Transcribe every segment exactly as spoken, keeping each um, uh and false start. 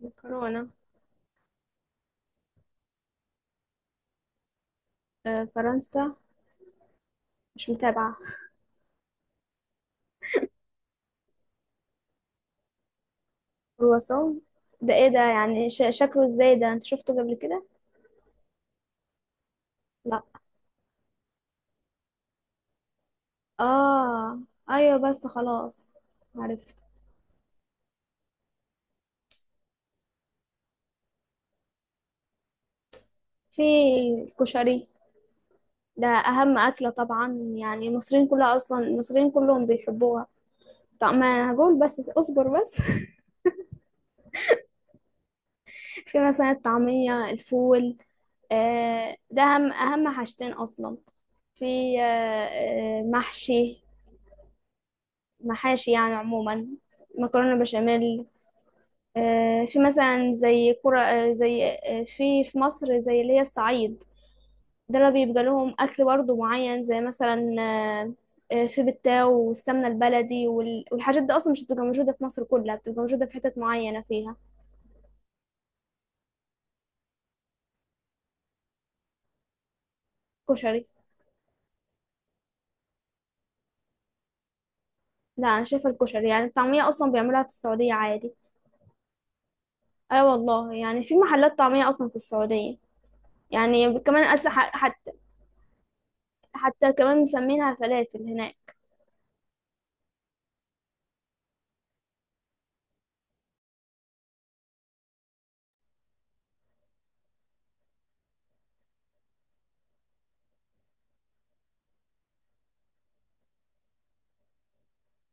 مكرونة. آه، فرنسا مش متابعة. كرواسون، ده ايه ده؟ يعني ش- شكله ازاي ده؟ انت شفته قبل كده؟ لا. اه، ايوه، بس خلاص، عرفت. في الكشري. ده اهم اكلة طبعا، يعني المصريين كلها اصلا المصريين كلهم بيحبوها. طب ما انا هقول، بس اصبر بس في مثلا الطعمية، الفول. آه ده اهم اهم حاجتين اصلا. في، آه، آه، محشي، محاشي يعني عموما. مكرونة بشاميل. آه، في مثلا زي كرة، آه، زي آه، في في مصر زي اللي هي الصعيد، دول بيبقى لهم أكل برضه معين زي مثلا آه، آه، في بتاو والسمنة البلدي وال- والحاجات دي أصلا مش بتبقى موجودة في مصر كلها، بتبقى موجودة في حتت معينة فيها. كشري. لا، أنا شايفة الكشري. يعني الطعمية أصلا بيعملوها في السعودية عادي. أيوة والله، يعني في محلات طعمية أصلا في السعودية. يعني كمان أس- ح- حتى، حتى كمان مسمينها فلافل هناك.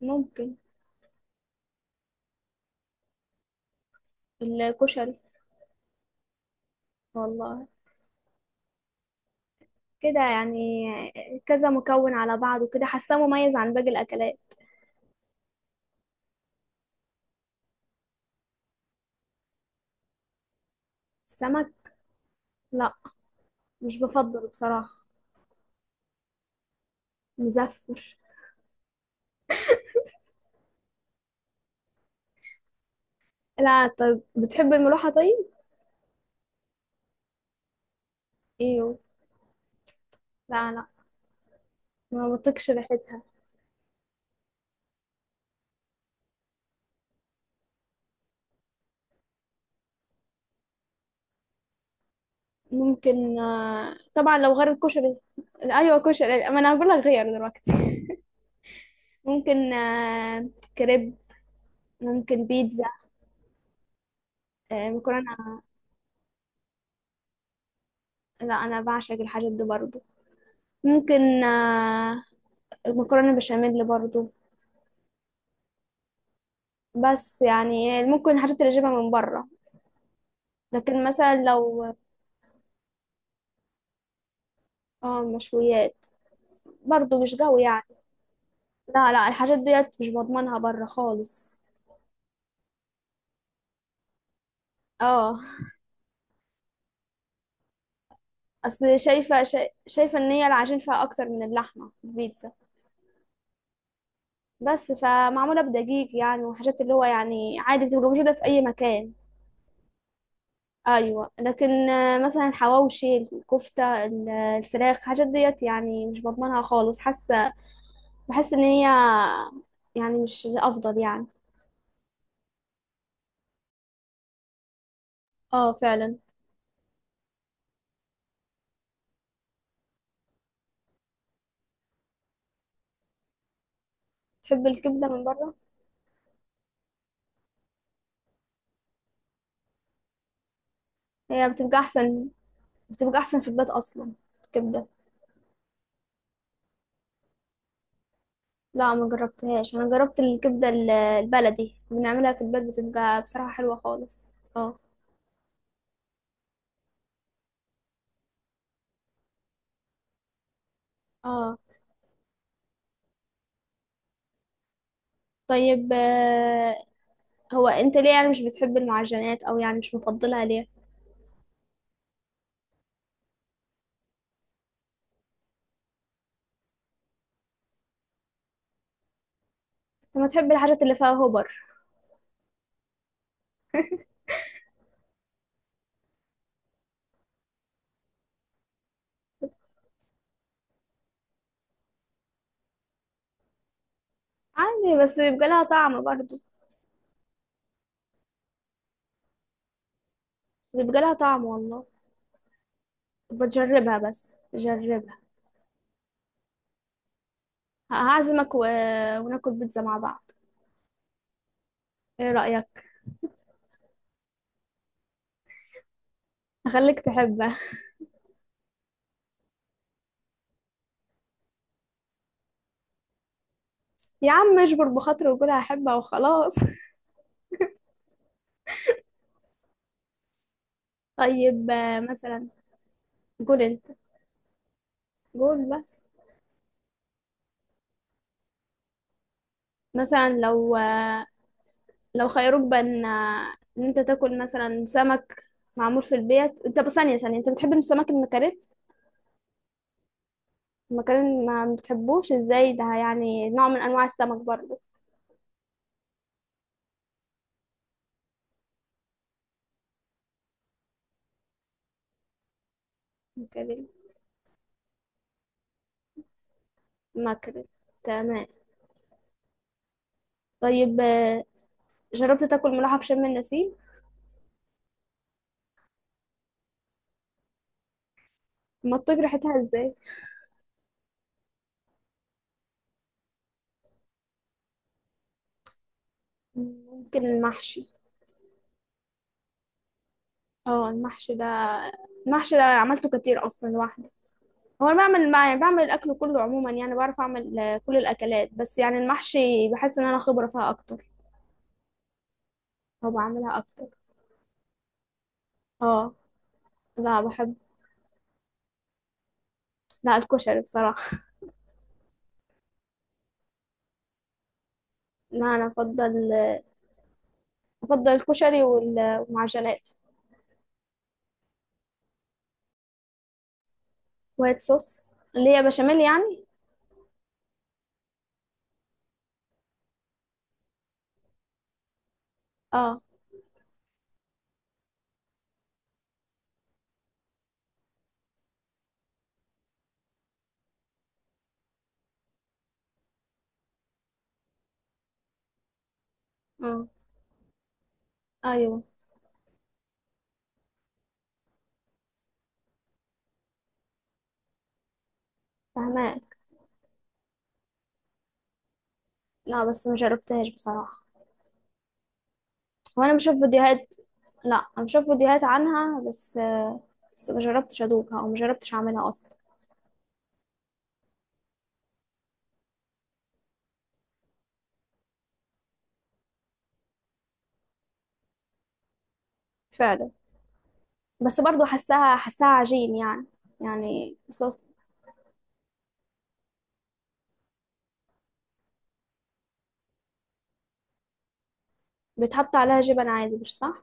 ممكن. الكشري. والله كده يعني، كذا مكون على بعض وكده، حاساه مميز عن باقي الأكلات. السمك. لا، مش بفضله بصراحة. مزفر. لا، طب بتحب الملوحة طيب؟ ايوه. لا لا، ما بطيقش ريحتها. ممكن، آه، طبعا لو غير الكشري. ايوه كشري، ما انا هقول لك غير دلوقتي ممكن آه، كريب، ممكن بيتزا. آه، مكرونة. لا، انا بعشق الحاجات دي برضو. ممكن آه، مكرونة بشاميل برضو، بس يعني ممكن الحاجات اللي اجيبها من بره. لكن مثلا لو، اه مشويات، برضو مش جو يعني. لا لا، الحاجات ديت مش بضمنها بره خالص. اه، اصل شايفه، شا- شايفه ان هي العجين فيها اكتر من اللحمه في البيتزا، بس فمعموله بدقيق يعني، وحاجات اللي هو يعني عادي بتبقى موجوده في اي مكان. ايوه، لكن آه، مثلا الحواوشي، الكفته، ال- الفراخ، الحاجات ديت يعني مش بضمنها خالص، حاسه بحس ان هي يعني مش الافضل يعني. اه فعلا. تحب الكبدة من بره؟ هي بتبقى احسن، بتبقى احسن في البيت اصلا، الكبدة. لا ما جربتهاش. انا جربت الكبدة ال- البلدي بنعملها في البيت، بتبقى بصراحة حلوة خالص. اه. اه، طيب. آه، هو انت ليه يعني مش بتحب المعجنات؟ او يعني مش مفضلها ليه؟ لما تحب الحاجات اللي فيها هوبر. عادي، بس بيبقى لها طعم برضو. بيبقى لها طعم والله. بتجربها، بس جربها. هعزمك و... وناكل بيتزا مع بعض، ايه رأيك؟ اخليك تحبها. يا عم اجبر بخاطر وقول هحبها وخلاص طيب آه، مثلا، قول انت. قول بس. مثلا لو آه، لو خيروك بين آه، ان انت تاكل مثلا سمك معمول في البيت. انت بس ثانية ثانية، انت بتحب السمك المكاريل؟ المكاريل ما بتحبوش ازاي؟ ده يعني نوع من انواع السمك برضه. مكاريل. مكاريل، تمام. طيب آه، جربت تاكل ملوحة في شم النسيم؟ ما تطيب ريحتها ازاي! ممكن المحشي. اه المحشي ده المحشي ده عملته كتير اصلا لوحده. هو انا بعمل مع- يعني بعمل الاكل كله عموما، يعني بعرف اعمل آه، كل الاكلات، بس يعني المحشي بحس ان انا خبره فيها اكتر، او بعملها اكتر. اه. لا بحب. لا الكشري بصراحه. لا انا افضل افضل الكشري وال- والمعجنات. وايت صوص اللي هي بشاميل يعني. اه. اه. ايوه فهماك. لا بس ما جربتهاش بصراحه. وانا بشوف فيديوهات. لا انا بشوف فيديوهات عنها، بس آه، بس ما جربتش ادوقها، او ما جربتش اعملها اصلا. فعلا. بس برضو حساها حساها عجين يعني، يعني صوص. بيتحط عليها جبن عادي، مش صح؟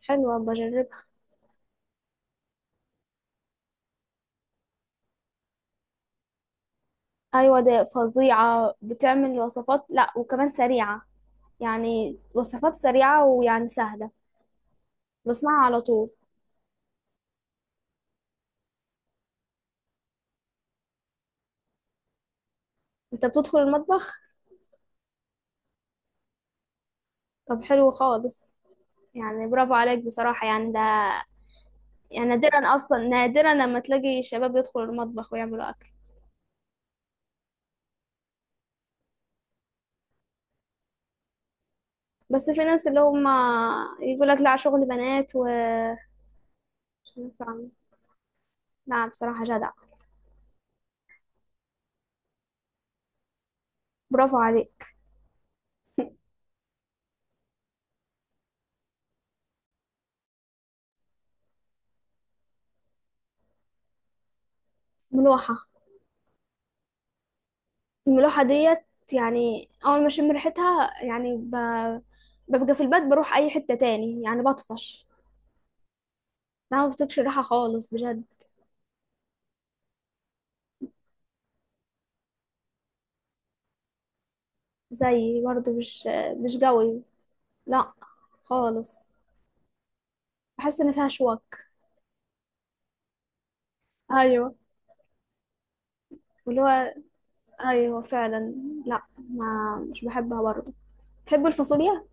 حلوة، بجربها. أيوة دي فظيعة، بتعمل وصفات، لأ وكمان سريعة. يعني وصفات سريعة ويعني سهلة. بسمعها على طول. أنت بتدخل المطبخ؟ طب حلو خالص، يعني برافو عليك بصراحة، يعني ده يعني نادرا، أصلا نادرا لما تلاقي شباب يدخلوا المطبخ ويعملوا أكل. بس في ناس اللي هم يقول لك لا شغل بنات و مش عارفة أعمل. لا بصراحة جدع. برافو عليك. ملوحة. الملوحة ديت يعني، أول ما أشم ريحتها يعني ب... ببقى في البيت، بروح أي حتة تاني يعني، بطفش. لا ما بتكش ريحة خالص بجد. زي برضو مش مش قوي. لا خالص، بحس إن فيها شوك. أيوة. واللي هو أيوة فعلا. لا ما مش بحبها برضو. تحب الفاصوليا؟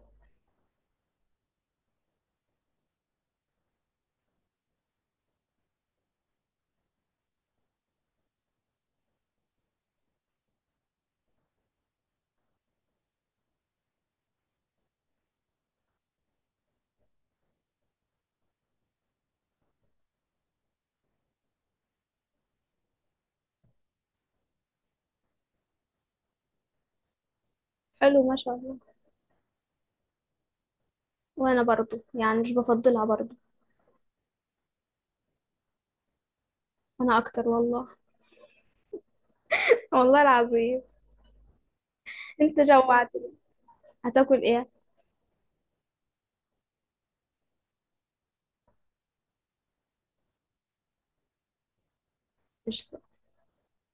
حلو ما شاء الله. وأنا برضو يعني مش بفضلها برضو. أنا أكتر والله والله العظيم. أنت جوعتني، هتاكل إيه؟ قشطة.